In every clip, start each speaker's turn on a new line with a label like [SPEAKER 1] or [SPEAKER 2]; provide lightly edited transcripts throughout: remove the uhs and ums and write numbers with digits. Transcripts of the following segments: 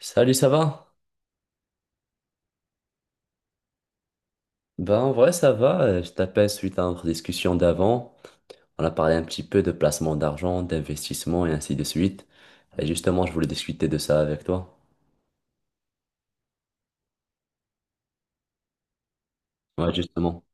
[SPEAKER 1] Salut, ça va? Ben, en vrai, ça va. Je t'appelle suite à notre discussion d'avant. On a parlé un petit peu de placement d'argent, d'investissement et ainsi de suite. Et justement, je voulais discuter de ça avec toi. Ouais, justement.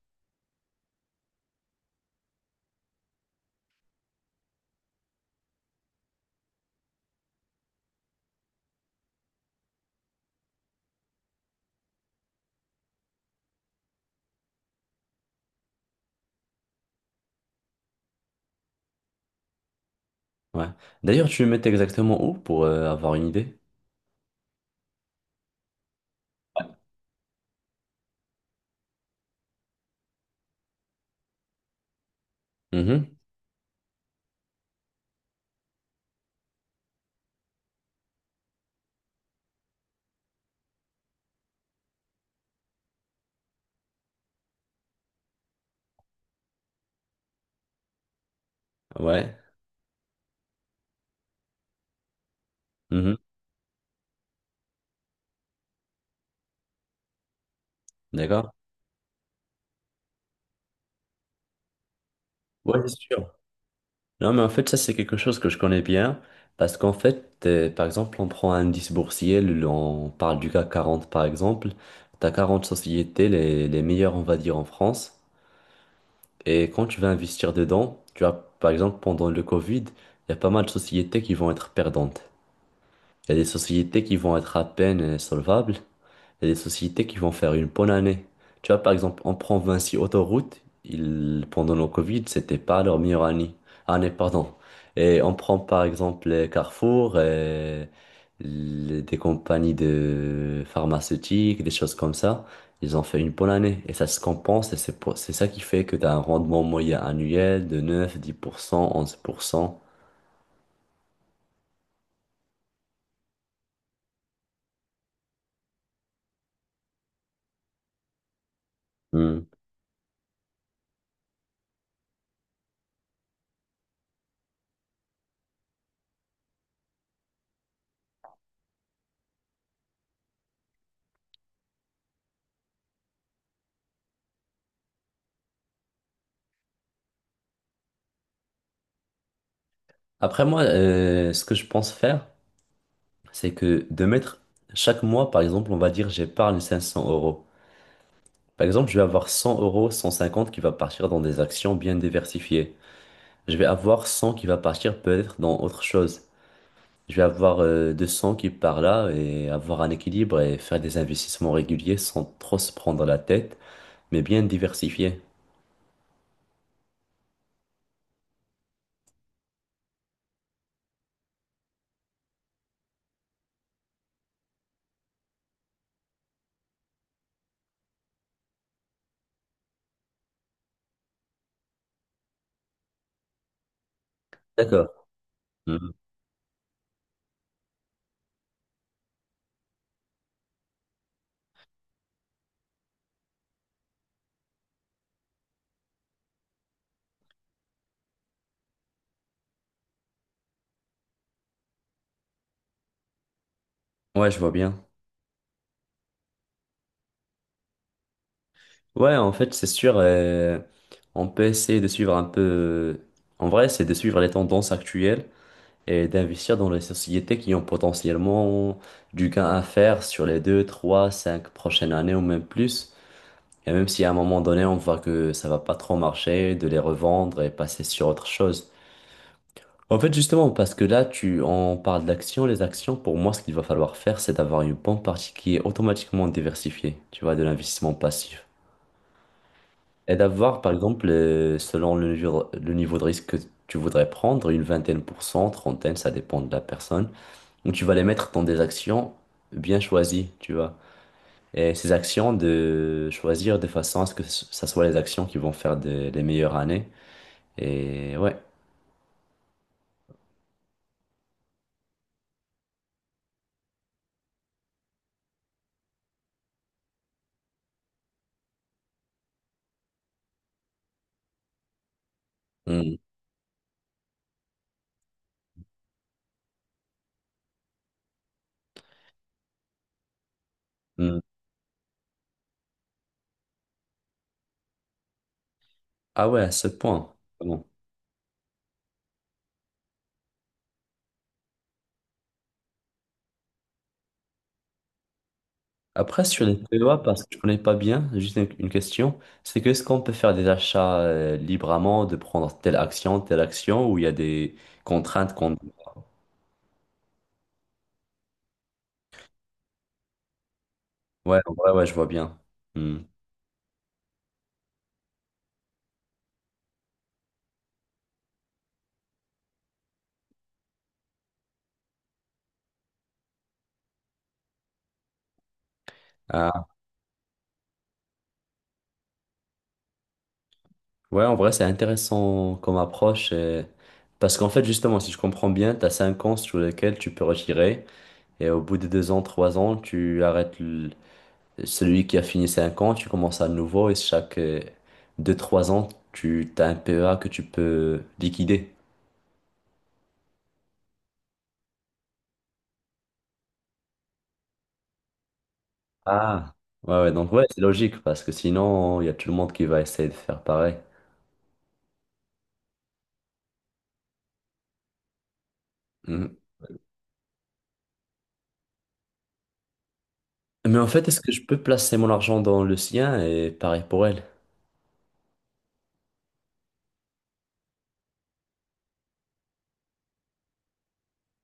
[SPEAKER 1] Ouais. D'ailleurs, tu me mets exactement où pour avoir une idée? Mhm. Ouais. Mhm. D'accord. Ouais, c'est sûr. Non, mais en fait, ça, c'est quelque chose que je connais bien. Parce qu'en fait, par exemple, on prend un indice boursier, on parle du CAC 40, par exemple. T'as 40 sociétés, les meilleures, on va dire, en France. Et quand tu vas investir dedans, tu as, par exemple, pendant le Covid, il y a pas mal de sociétés qui vont être perdantes. Il y a des sociétés qui vont être à peine solvables. Il y a des sociétés qui vont faire une bonne année. Tu vois, par exemple, on prend Vinci Autoroute. Ils, pendant le Covid, c'était pas leur meilleure année. Année, pardon. Et on prend par exemple les Carrefour, et des compagnies de pharmaceutiques, des choses comme ça. Ils ont fait une bonne année et ça se compense et c'est ça qui fait que tu as un rendement moyen annuel de 9, 10%, 11%. Hmm. Après moi, ce que je pense faire, c'est que de mettre chaque mois, par exemple, on va dire j'épargne 500 euros. Par exemple, je vais avoir 100 euros, 150 qui va partir dans des actions bien diversifiées. Je vais avoir 100 qui va partir peut-être dans autre chose. Je vais avoir 200 qui part là et avoir un équilibre et faire des investissements réguliers sans trop se prendre la tête, mais bien diversifiés. D'accord. Mhm. Ouais, je vois bien. Ouais, en fait, c'est sûr, on peut essayer de suivre un peu. En vrai, c'est de suivre les tendances actuelles et d'investir dans les sociétés qui ont potentiellement du gain à faire sur les deux, trois, cinq prochaines années ou même plus. Et même si à un moment donné, on voit que ça va pas trop marcher, de les revendre et passer sur autre chose. En fait, justement, parce que là, on parle d'actions. Les actions, pour moi, ce qu'il va falloir faire, c'est d'avoir une bonne partie qui est automatiquement diversifiée, tu vois, de l'investissement passif. Et d'avoir, par exemple, selon le niveau de risque que tu voudrais prendre, une vingtaine pour cent, trentaine, ça dépend de la personne. Donc tu vas les mettre dans des actions bien choisies, tu vois. Et ces actions, de choisir de façon à ce que ça soit les actions qui vont faire des les meilleures années. Et ouais. Mm, mm. Ah ouais, à ce point. Bon. Après, sur les PEA, parce que je connais pas bien, juste une question, c'est que est-ce qu'on peut faire des achats librement, de prendre telle action, ou il y a des contraintes qu'on... Ouais, ouais, ouais, je vois bien. Mm. Ah, ouais, en vrai, c'est intéressant comme approche. Parce qu'en fait, justement, si je comprends bien, tu as 5 ans sur lesquels tu peux retirer. Et au bout de 2 ans, 3 ans, tu arrêtes celui qui a fini 5 ans, tu commences à nouveau. Et chaque deux, trois ans, tu as un PEA que tu peux liquider. Ah. Ouais, ouais, donc ouais, c'est logique. Parce que sinon, il y a tout le monde qui va essayer de faire pareil. Mhm. Mais en fait, est-ce que je peux placer mon argent dans le sien et pareil pour elle?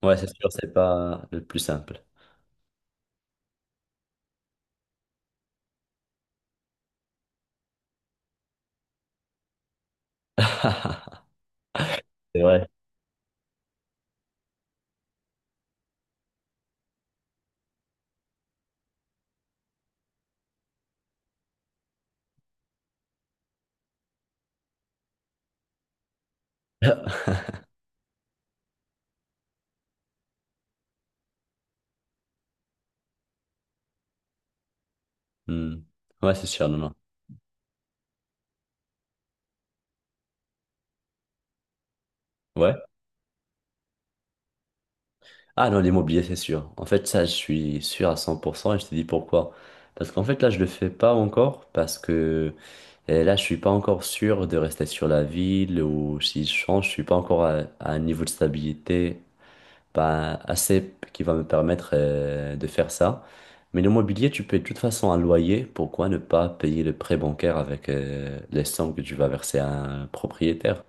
[SPEAKER 1] Ouais, c'est sûr, c'est pas le plus simple. C'est vrai. Hmm. Ouais, c'est sûr, non, non. Ouais. Ah non, l'immobilier, c'est sûr. En fait, ça, je suis sûr à 100% et je te dis pourquoi. Parce qu'en fait, là, je le fais pas encore parce que là, je suis pas encore sûr de rester sur la ville ou si je change, je suis pas encore à un niveau de stabilité pas assez qui va me permettre de faire ça. Mais l'immobilier, tu payes de toute façon un loyer. Pourquoi ne pas payer le prêt bancaire avec les sommes que tu vas verser à un propriétaire?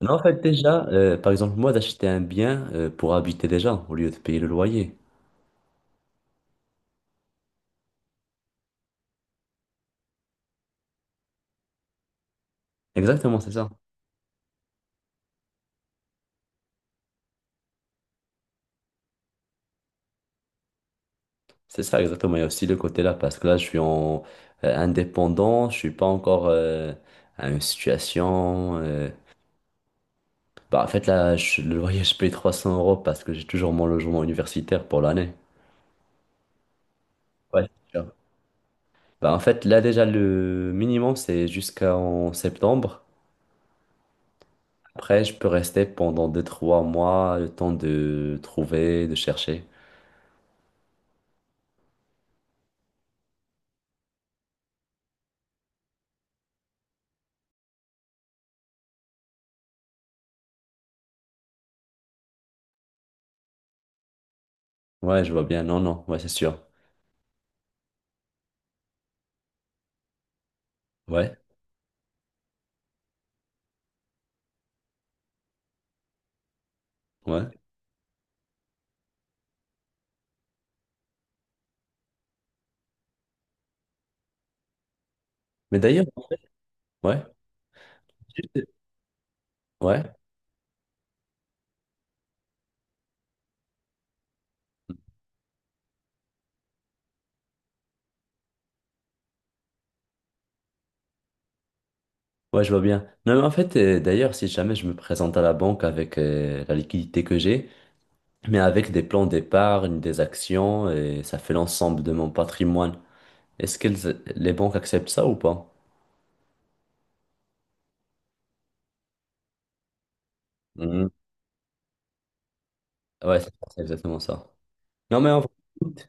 [SPEAKER 1] Non, en fait, déjà, par exemple, moi, d'acheter un bien pour habiter déjà au lieu de payer le loyer. Exactement, c'est ça. C'est ça, exactement. Il y a aussi le côté-là, parce que là, je suis en indépendant, je suis pas encore à une situation. Bah, en fait, là, je- je paye 300 euros parce que j'ai toujours mon logement universitaire pour l'année. Ouais, c'est sûr. Bah, en fait, là, déjà, le minimum, c'est jusqu'en septembre. Après, je peux rester pendant deux trois mois, le temps de trouver, de chercher. Ouais, je vois bien. Non, non, ouais, c'est sûr. Ouais, ouais. Mais d'ailleurs, ouais, juste- ouais, ouais, je vois bien. Non, mais en fait, d'ailleurs, si jamais je me présente à la banque avec la liquidité que j'ai, mais avec des plans d'épargne, des actions, et ça fait l'ensemble de mon patrimoine, est-ce que les banques acceptent ça ou pas? Mhm. Ouais, c'est ça, c'est exactement ça. Non, mais en vrai, écoute,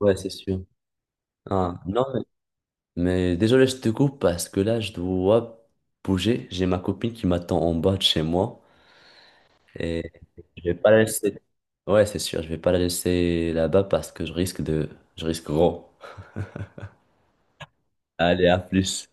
[SPEAKER 1] ouais, c'est sûr. Ah, non, mais désolé, je te coupe parce que là, je dois bouger. J'ai ma copine qui m'attend en bas de chez moi. Et je vais pas la laisser. Ouais, c'est sûr, je vais pas la laisser là-bas parce que je risque de. Je risque gros. Allez, à plus.